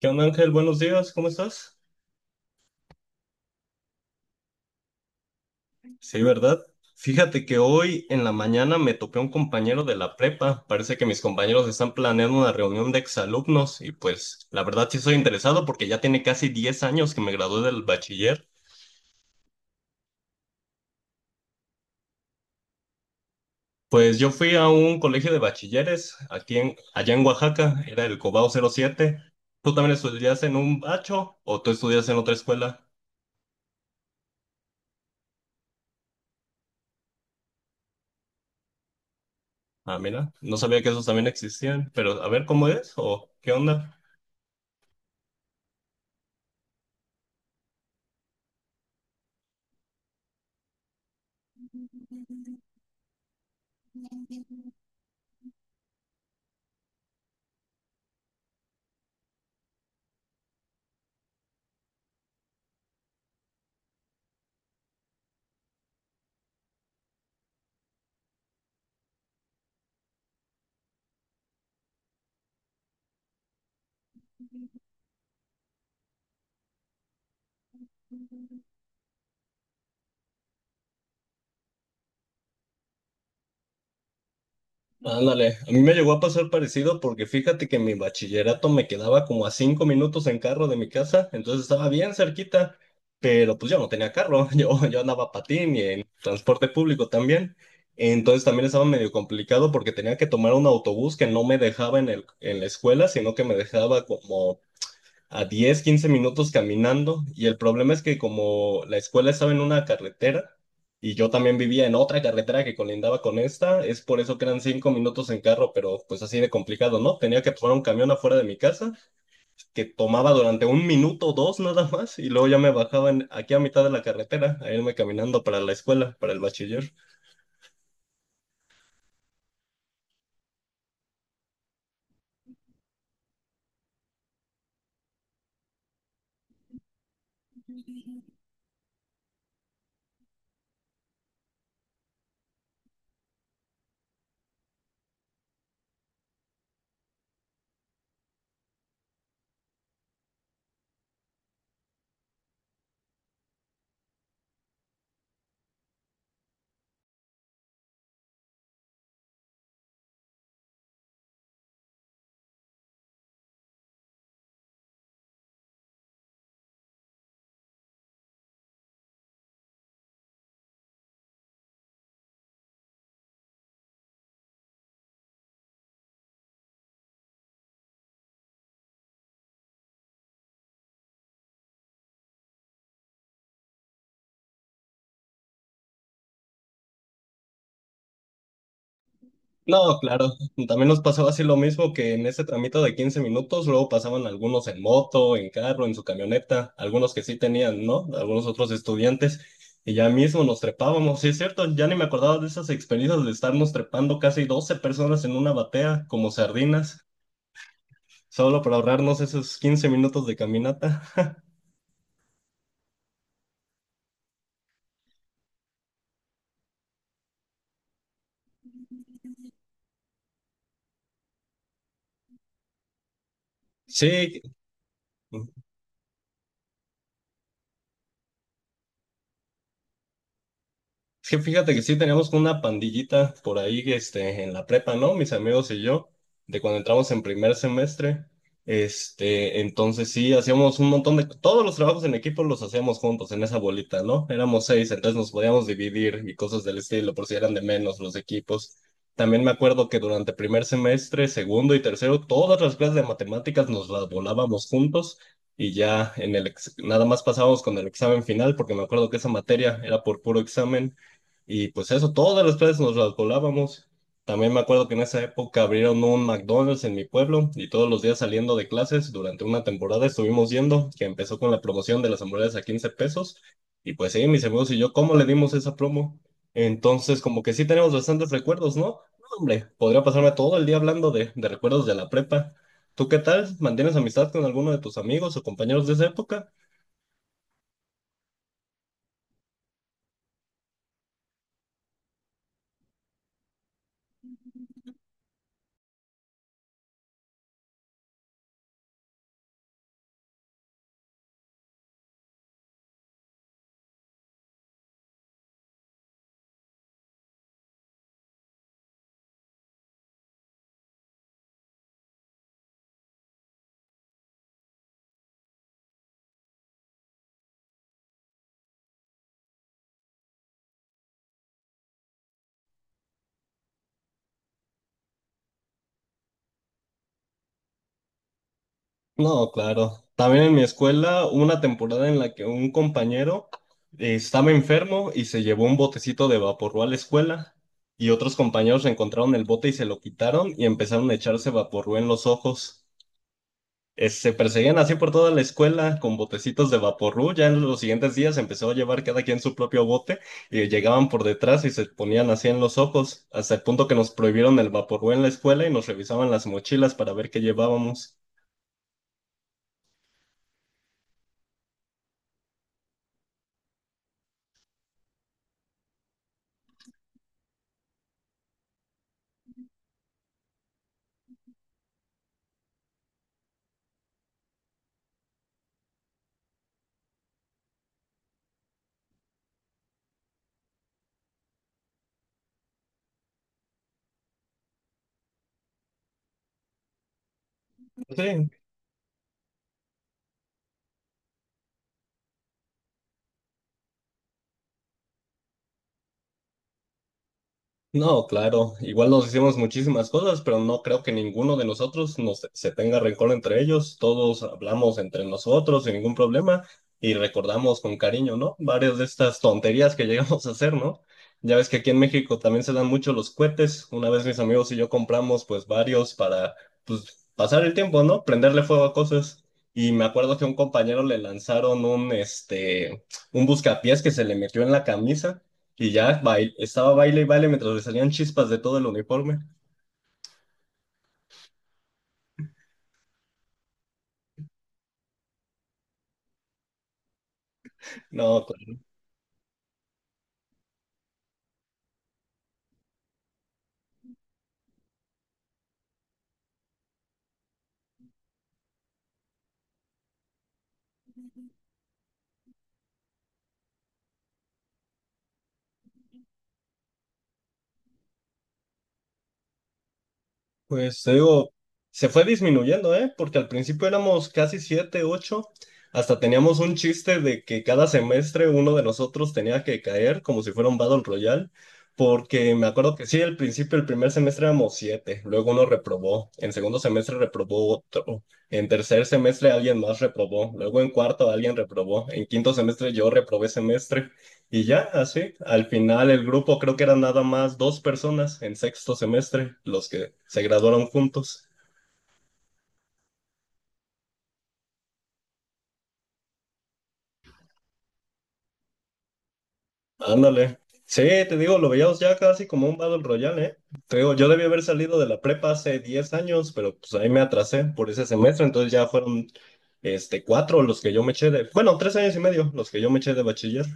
¿Qué onda, Ángel? Buenos días, ¿cómo estás? Sí, ¿verdad? Fíjate que hoy en la mañana me topé a un compañero de la prepa. Parece que mis compañeros están planeando una reunión de exalumnos y pues la verdad sí estoy interesado porque ya tiene casi 10 años que me gradué del bachiller. Pues yo fui a un colegio de bachilleres allá en Oaxaca, era el Cobao 07. ¿Tú también estudias en un bacho o tú estudias en otra escuela? Ah, mira, no sabía que esos también existían, pero a ver cómo es o qué onda. Ándale, a mí me llegó a pasar parecido porque fíjate que mi bachillerato me quedaba como a 5 minutos en carro de mi casa, entonces estaba bien cerquita, pero pues yo no tenía carro, yo andaba a patín y en transporte público también, entonces también estaba medio complicado porque tenía que tomar un autobús que no me dejaba en la escuela, sino que me dejaba como a 10 15 minutos caminando y el problema es que como la escuela estaba en una carretera y yo también vivía en otra carretera que colindaba con esta, es por eso que eran 5 minutos en carro, pero pues así de complicado, ¿no? Tenía que tomar un camión afuera de mi casa que tomaba durante un minuto o dos nada más y luego ya me bajaba aquí a mitad de la carretera a irme caminando para la escuela, para el bachiller. No, claro, también nos pasaba así lo mismo que en ese tramito de 15 minutos, luego pasaban algunos en moto, en carro, en su camioneta, algunos que sí tenían, ¿no? Algunos otros estudiantes, y ya mismo nos trepábamos, sí es cierto, ya ni me acordaba de esas experiencias de estarnos trepando casi 12 personas en una batea, como sardinas, solo para ahorrarnos esos 15 minutos de caminata. Sí. Es que fíjate que sí teníamos una pandillita por ahí, este, en la prepa, ¿no? Mis amigos y yo, de cuando entramos en primer semestre. Este, entonces sí, hacíamos un montón de, todos los trabajos en equipo los hacíamos juntos en esa bolita, ¿no? Éramos seis, entonces nos podíamos dividir y cosas del estilo, por si eran de menos los equipos. También me acuerdo que durante primer semestre, segundo y tercero, todas las clases de matemáticas nos las volábamos juntos y ya nada más pasábamos con el examen final, porque me acuerdo que esa materia era por puro examen y pues eso, todas las plazas nos las volábamos. También me acuerdo que en esa época abrieron un McDonald's en mi pueblo y todos los días saliendo de clases durante una temporada estuvimos yendo, que empezó con la promoción de las hamburguesas a 15 pesos. Y pues sí, mis amigos y yo, ¿cómo le dimos esa promo? Entonces, como que sí tenemos bastantes recuerdos, ¿no? No, hombre, podría pasarme todo el día hablando de recuerdos de la prepa. ¿Tú qué tal? ¿Mantienes amistad con alguno de tus amigos o compañeros de esa época? No, claro. También en mi escuela hubo una temporada en la que un compañero estaba enfermo y se llevó un botecito de vaporru a la escuela y otros compañeros encontraron el bote y se lo quitaron y empezaron a echarse vaporru en los ojos. Se perseguían así por toda la escuela con botecitos de vaporru. Ya en los siguientes días empezó a llevar cada quien su propio bote y llegaban por detrás y se ponían así en los ojos, hasta el punto que nos prohibieron el vaporru en la escuela y nos revisaban las mochilas para ver qué llevábamos. Sí. No, claro, igual nos hicimos muchísimas cosas, pero no creo que ninguno de nosotros nos, se tenga rencor entre ellos. Todos hablamos entre nosotros sin ningún problema y recordamos con cariño, ¿no? Varias de estas tonterías que llegamos a hacer, ¿no? Ya ves que aquí en México también se dan mucho los cohetes. Una vez mis amigos y yo compramos pues varios para pues pasar el tiempo, ¿no? Prenderle fuego a cosas. Y me acuerdo que a un compañero le lanzaron un este un buscapiés que se le metió en la camisa. Y ya estaba baile y baile mientras le salían chispas de todo el uniforme. No, co- Pues te digo, se fue disminuyendo, ¿eh? Porque al principio éramos casi siete, ocho. Hasta teníamos un chiste de que cada semestre uno de nosotros tenía que caer como si fuera un Battle Royale. Porque me acuerdo que sí, al principio, el primer semestre éramos siete, luego uno reprobó, en segundo semestre reprobó otro, en tercer semestre alguien más reprobó, luego en cuarto alguien reprobó, en quinto semestre yo reprobé semestre. Y ya, así, al final el grupo creo que eran nada más dos personas en sexto semestre, los que se graduaron juntos. Ándale. Sí, te digo, lo veíamos ya casi como un Battle Royale, ¿eh? Te digo, yo debí haber salido de la prepa hace 10 años, pero pues ahí me atrasé por ese semestre, entonces ya fueron este, cuatro los que yo me eché de, bueno, 3 años y medio los que yo me eché de bachiller.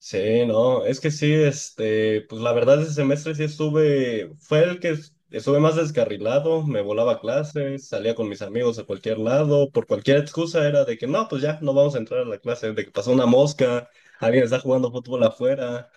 Sí, no, es que sí, este, pues la verdad ese semestre sí estuve, fue el que estuve más descarrilado, me volaba clases, salía con mis amigos a cualquier lado, por cualquier excusa era de que no, pues ya, no vamos a entrar a la clase, de que pasó una mosca, alguien está jugando fútbol afuera,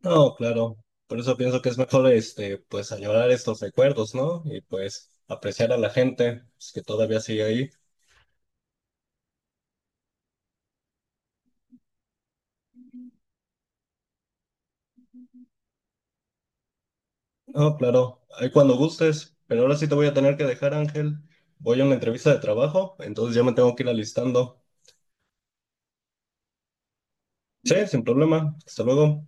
no, claro, por eso pienso que es mejor, este, pues añorar estos recuerdos, ¿no? Y pues apreciar a la gente, pues, que todavía sigue ahí. No, claro, ahí cuando gustes, pero ahora sí te voy a tener que dejar, Ángel. Voy a una entrevista de trabajo, entonces ya me tengo que ir alistando. Sí, sin problema. Hasta luego.